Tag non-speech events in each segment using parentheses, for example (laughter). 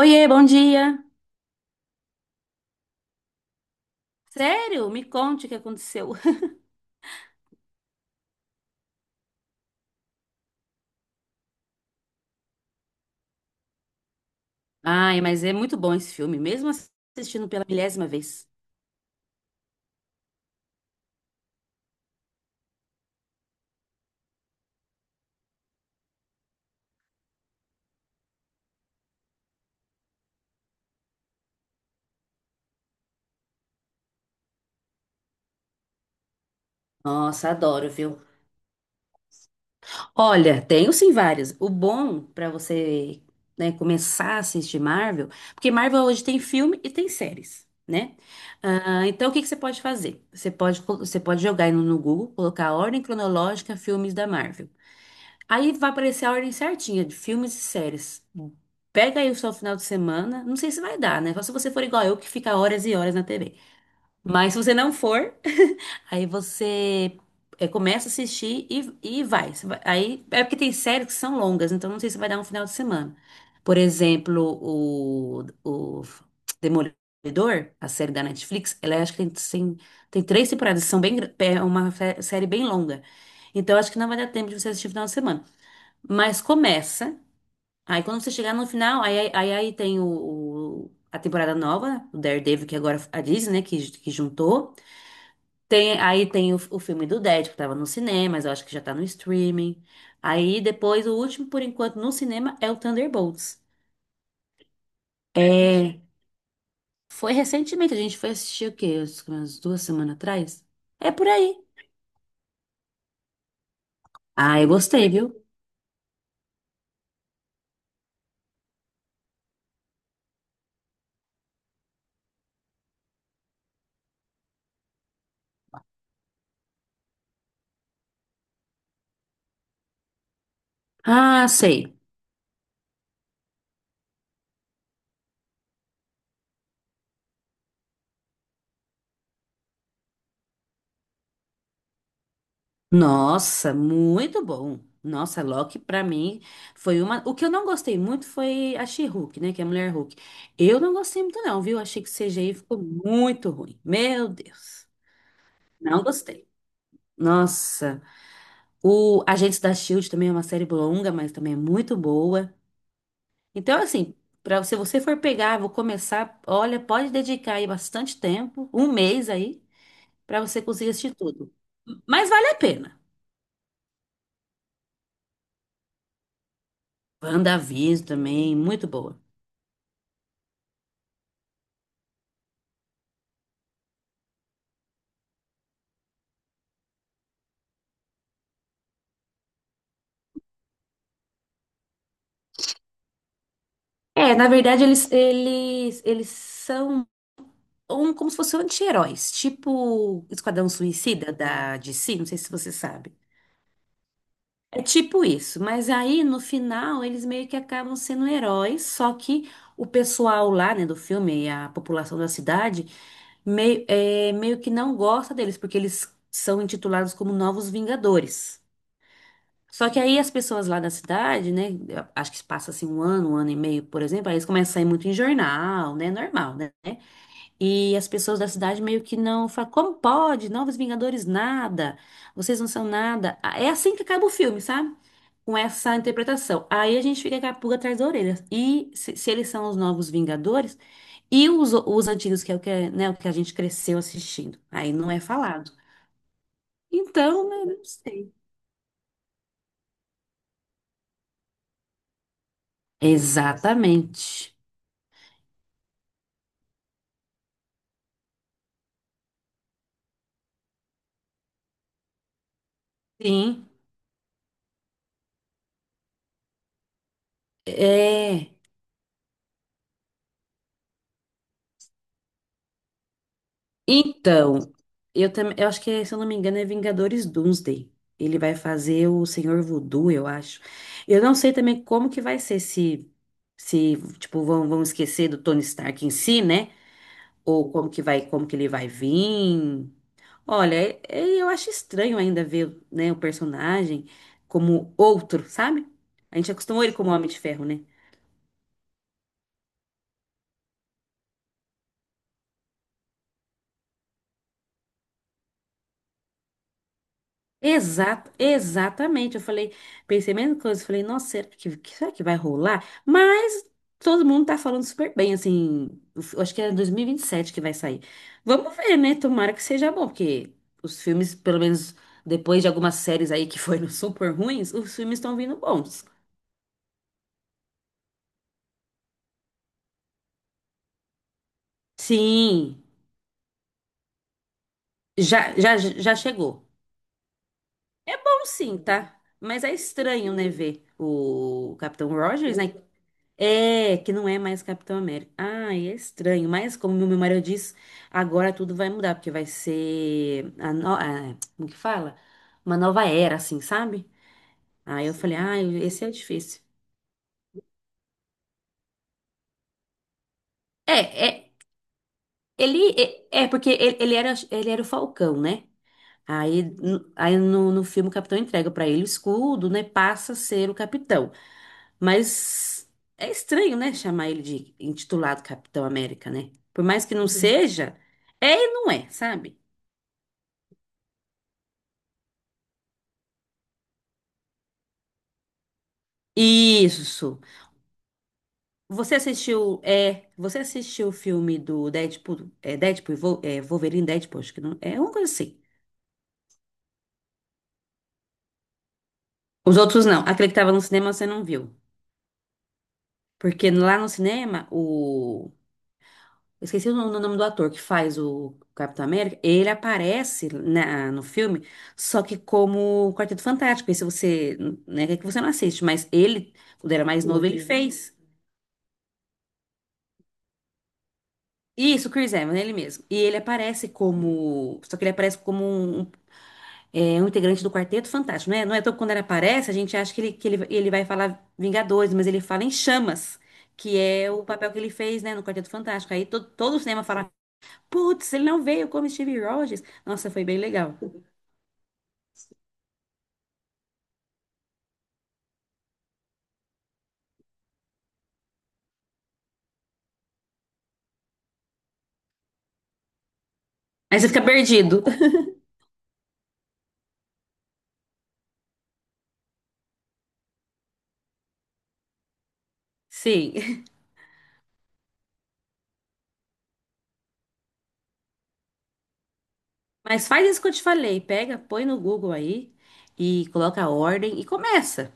Oiê, bom dia. Sério? Me conte o que aconteceu. (laughs) Ai, mas é muito bom esse filme, mesmo assim, assistindo pela milésima vez. Nossa, adoro, viu? Olha, tenho sim vários. O bom pra você, né, começar a assistir Marvel, porque Marvel hoje tem filme e tem séries, né? Ah, então o que que você pode fazer? Você pode, você pode jogar aí no Google, colocar a ordem cronológica filmes da Marvel. Aí vai aparecer a ordem certinha de filmes e séries. Pega aí o seu final de semana. Não sei se vai dar, né? Só se você for igual eu, que fica horas e horas na TV. Mas se você não for, (laughs) aí você começa a assistir e vai. Aí é porque tem séries que são longas, então não sei se vai dar um final de semana. Por exemplo, o Demolidor, a série da Netflix, ela é, acho que tem três temporadas, são bem, é uma série bem longa. Então acho que não vai dar tempo de você assistir no final de semana. Mas começa. Aí quando você chegar no final, aí tem a temporada nova, o Daredevil, que agora a Disney, né, que juntou. Tem, aí tem o filme do Dead, que tava no cinema, mas eu acho que já tá no streaming. Aí depois, o último, por enquanto, no cinema é o Thunderbolts. É, foi recentemente, a gente foi assistir o quê? Umas duas semanas atrás? É por aí. Ah, eu gostei, viu? Ah, sei. Nossa, muito bom. Nossa, Loki pra mim foi uma. O que eu não gostei muito foi a She-Hulk, né? Que é a mulher Hulk. Eu não gostei muito, não, viu? Achei que o CGI ficou muito ruim. Meu Deus. Não gostei. Nossa. O Agentes da Shield também é uma série longa, mas também é muito boa. Então, assim, pra, se você for pegar, vou começar. Olha, pode dedicar aí bastante tempo, um mês aí, pra você conseguir assistir tudo. Mas vale a pena. WandaVision também, muito boa. É, na verdade, eles são um, como se fossem anti-heróis, tipo Esquadrão Suicida da DC, não sei se você sabe. É tipo isso, mas aí no final eles meio que acabam sendo heróis, só que o pessoal lá, né, do filme, a população da cidade, meio que não gosta deles, porque eles são intitulados como Novos Vingadores. Só que aí as pessoas lá da cidade, né, acho que passa assim um ano e meio, por exemplo, aí eles começam a sair muito em jornal, né, normal, né? E as pessoas da cidade meio que não falam, como pode? Novos Vingadores, nada. Vocês não são nada. Ah, é assim que acaba o filme, sabe? Com essa interpretação. Aí a gente fica com a pulga atrás da orelha. E se eles são os novos Vingadores, e os antigos, que é o que, é, né, o que a gente cresceu assistindo. Aí não é falado. Então, né, não sei. Exatamente. Sim. É. Então, eu também, eu acho que, é, se eu não me engano, é Vingadores Doomsday. Ele vai fazer o Senhor Voodoo, eu acho. Eu não sei também como que vai ser se tipo vão esquecer do Tony Stark em si, né? Ou como que vai, como que ele vai vir. Olha, eu acho estranho ainda ver, né, o personagem como outro, sabe? A gente acostumou ele como Homem de Ferro, né? Exato, exatamente. Eu falei, pensei a mesma coisa. Eu Falei, nossa, será será que vai rolar? Mas todo mundo tá falando super bem, assim. Eu Acho que é dois mil e vinte e sete que vai sair. Vamos ver, né? Tomara que seja bom, porque os filmes, pelo menos depois de algumas séries aí que foram (laughs) super ruins, os filmes estão vindo bons. Sim, já chegou. É bom sim, tá? Mas é estranho, né, ver o Capitão Rogers, né? É, que não é mais Capitão América. Ah, é estranho. Mas, como meu marido diz, agora tudo vai mudar, porque vai ser a no... a- como que fala? Uma nova era, assim, sabe? Aí eu falei, ah, esse é difícil. É, é, ele é porque ele, ele era o Falcão, né? Aí, no, no filme o Capitão entrega pra ele o escudo, né? Passa a ser o Capitão. Mas é estranho, né? Chamar ele de intitulado Capitão América, né? Por mais que não Sim. seja, é e não é, sabe? Isso. Você assistiu, é, você assistiu o filme do Deadpool, é, Deadpool, e Wolverine Deadpool, acho que não, é uma coisa assim. Os outros não. Aquele que tava no cinema você não viu. Porque lá no cinema, eu esqueci o no- o nome do ator que faz o Capitão América. Ele aparece no filme, só que como o Quarteto Fantástico. Esse você, né, que você não assiste, mas ele, quando era mais novo, ele Chris fez. Isso, o Chris Evans, ele mesmo. E ele aparece como. Só que ele aparece como um, um integrante do Quarteto Fantástico, né? Não é todo quando ele aparece, a gente acha que ele, ele vai falar Vingadores, mas ele fala em Chamas, que é o papel que ele fez, né, no Quarteto Fantástico. Aí todo o cinema fala Putz, ele não veio como Steve Rogers. Nossa, foi bem legal. Aí você fica perdido. Sim. Mas faz isso que eu te falei. Pega, põe no Google aí e coloca a ordem e começa.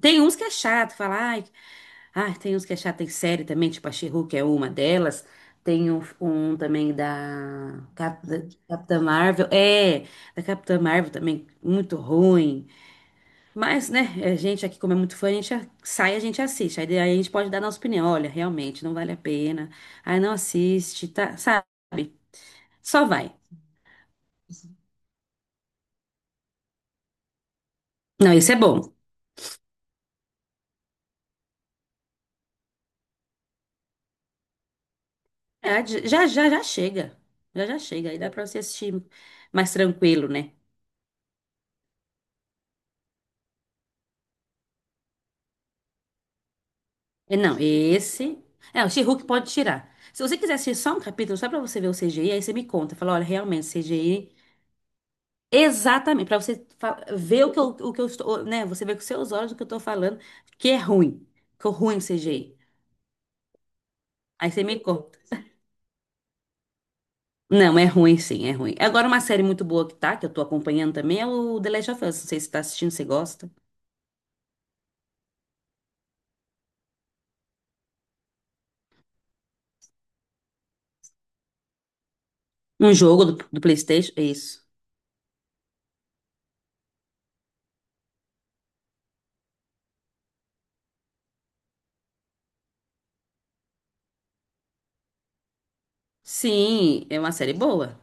Tem uns que é chato, fala, tem uns que é chato, tem série também, tipo a She-Hulk é uma delas. Tem um também da, da Capitã Marvel. É, da Capitã Marvel também, muito ruim. Mas, né, é, a gente aqui, como é muito fã, a gente sai, a gente assiste. Aí, daí a gente pode dar nossa opinião. Olha, realmente, não vale a pena. Aí não assiste, tá? Sabe? Só vai. Não, isso é bom. É, já chega. Já chega. Aí dá pra você assistir mais tranquilo, né? E não, esse... É, o She-Hulk pode tirar. Se você quiser assistir só um capítulo, só pra você ver o CGI, aí você me conta. Fala, olha, realmente, CGI exatamente, para você ver o que eu estou, né? Você vê com seus olhos o que eu estou falando, que é ruim, que é ruim CGI. Aí você me conta. Não, é ruim sim, é ruim. Agora uma série muito boa que tá, que eu tô acompanhando também, é o The Last of Us. Não sei se você tá assistindo, se você gosta. Um jogo do PlayStation, é isso. Sim, é uma série boa.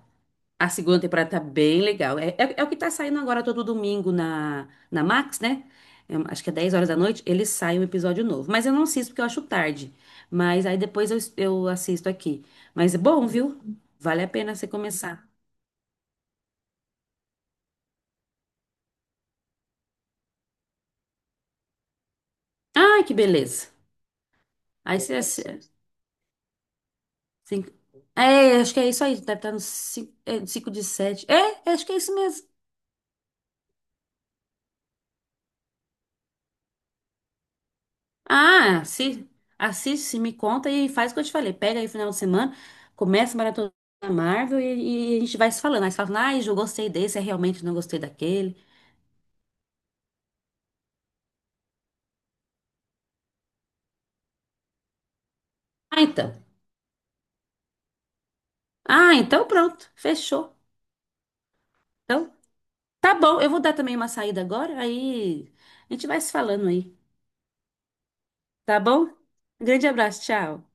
A segunda temporada tá bem legal. É o que tá saindo agora todo domingo na Max, né? É, acho que é 10 horas da noite, ele sai um episódio novo. Mas eu não assisto porque eu acho tarde. Mas aí depois eu assisto aqui. Mas é bom, viu? Vale a pena você começar. Ai, que beleza. Aí você. Assi- Cinco... É, acho que é isso aí. Deve estar no 5 é, 5 de 7 é, acho que é isso mesmo. Ah, assiste, me conta e faz o que eu te falei. Pega aí o final de semana, começa a maratona da Marvel e a gente vai se falando. Aí você fala, ah, eu gostei desse, eu realmente não gostei daquele. Ah, então. Ah, então pronto, fechou. Então, tá bom, eu vou dar também uma saída agora, aí a gente vai se falando aí, tá bom? Grande abraço, tchau.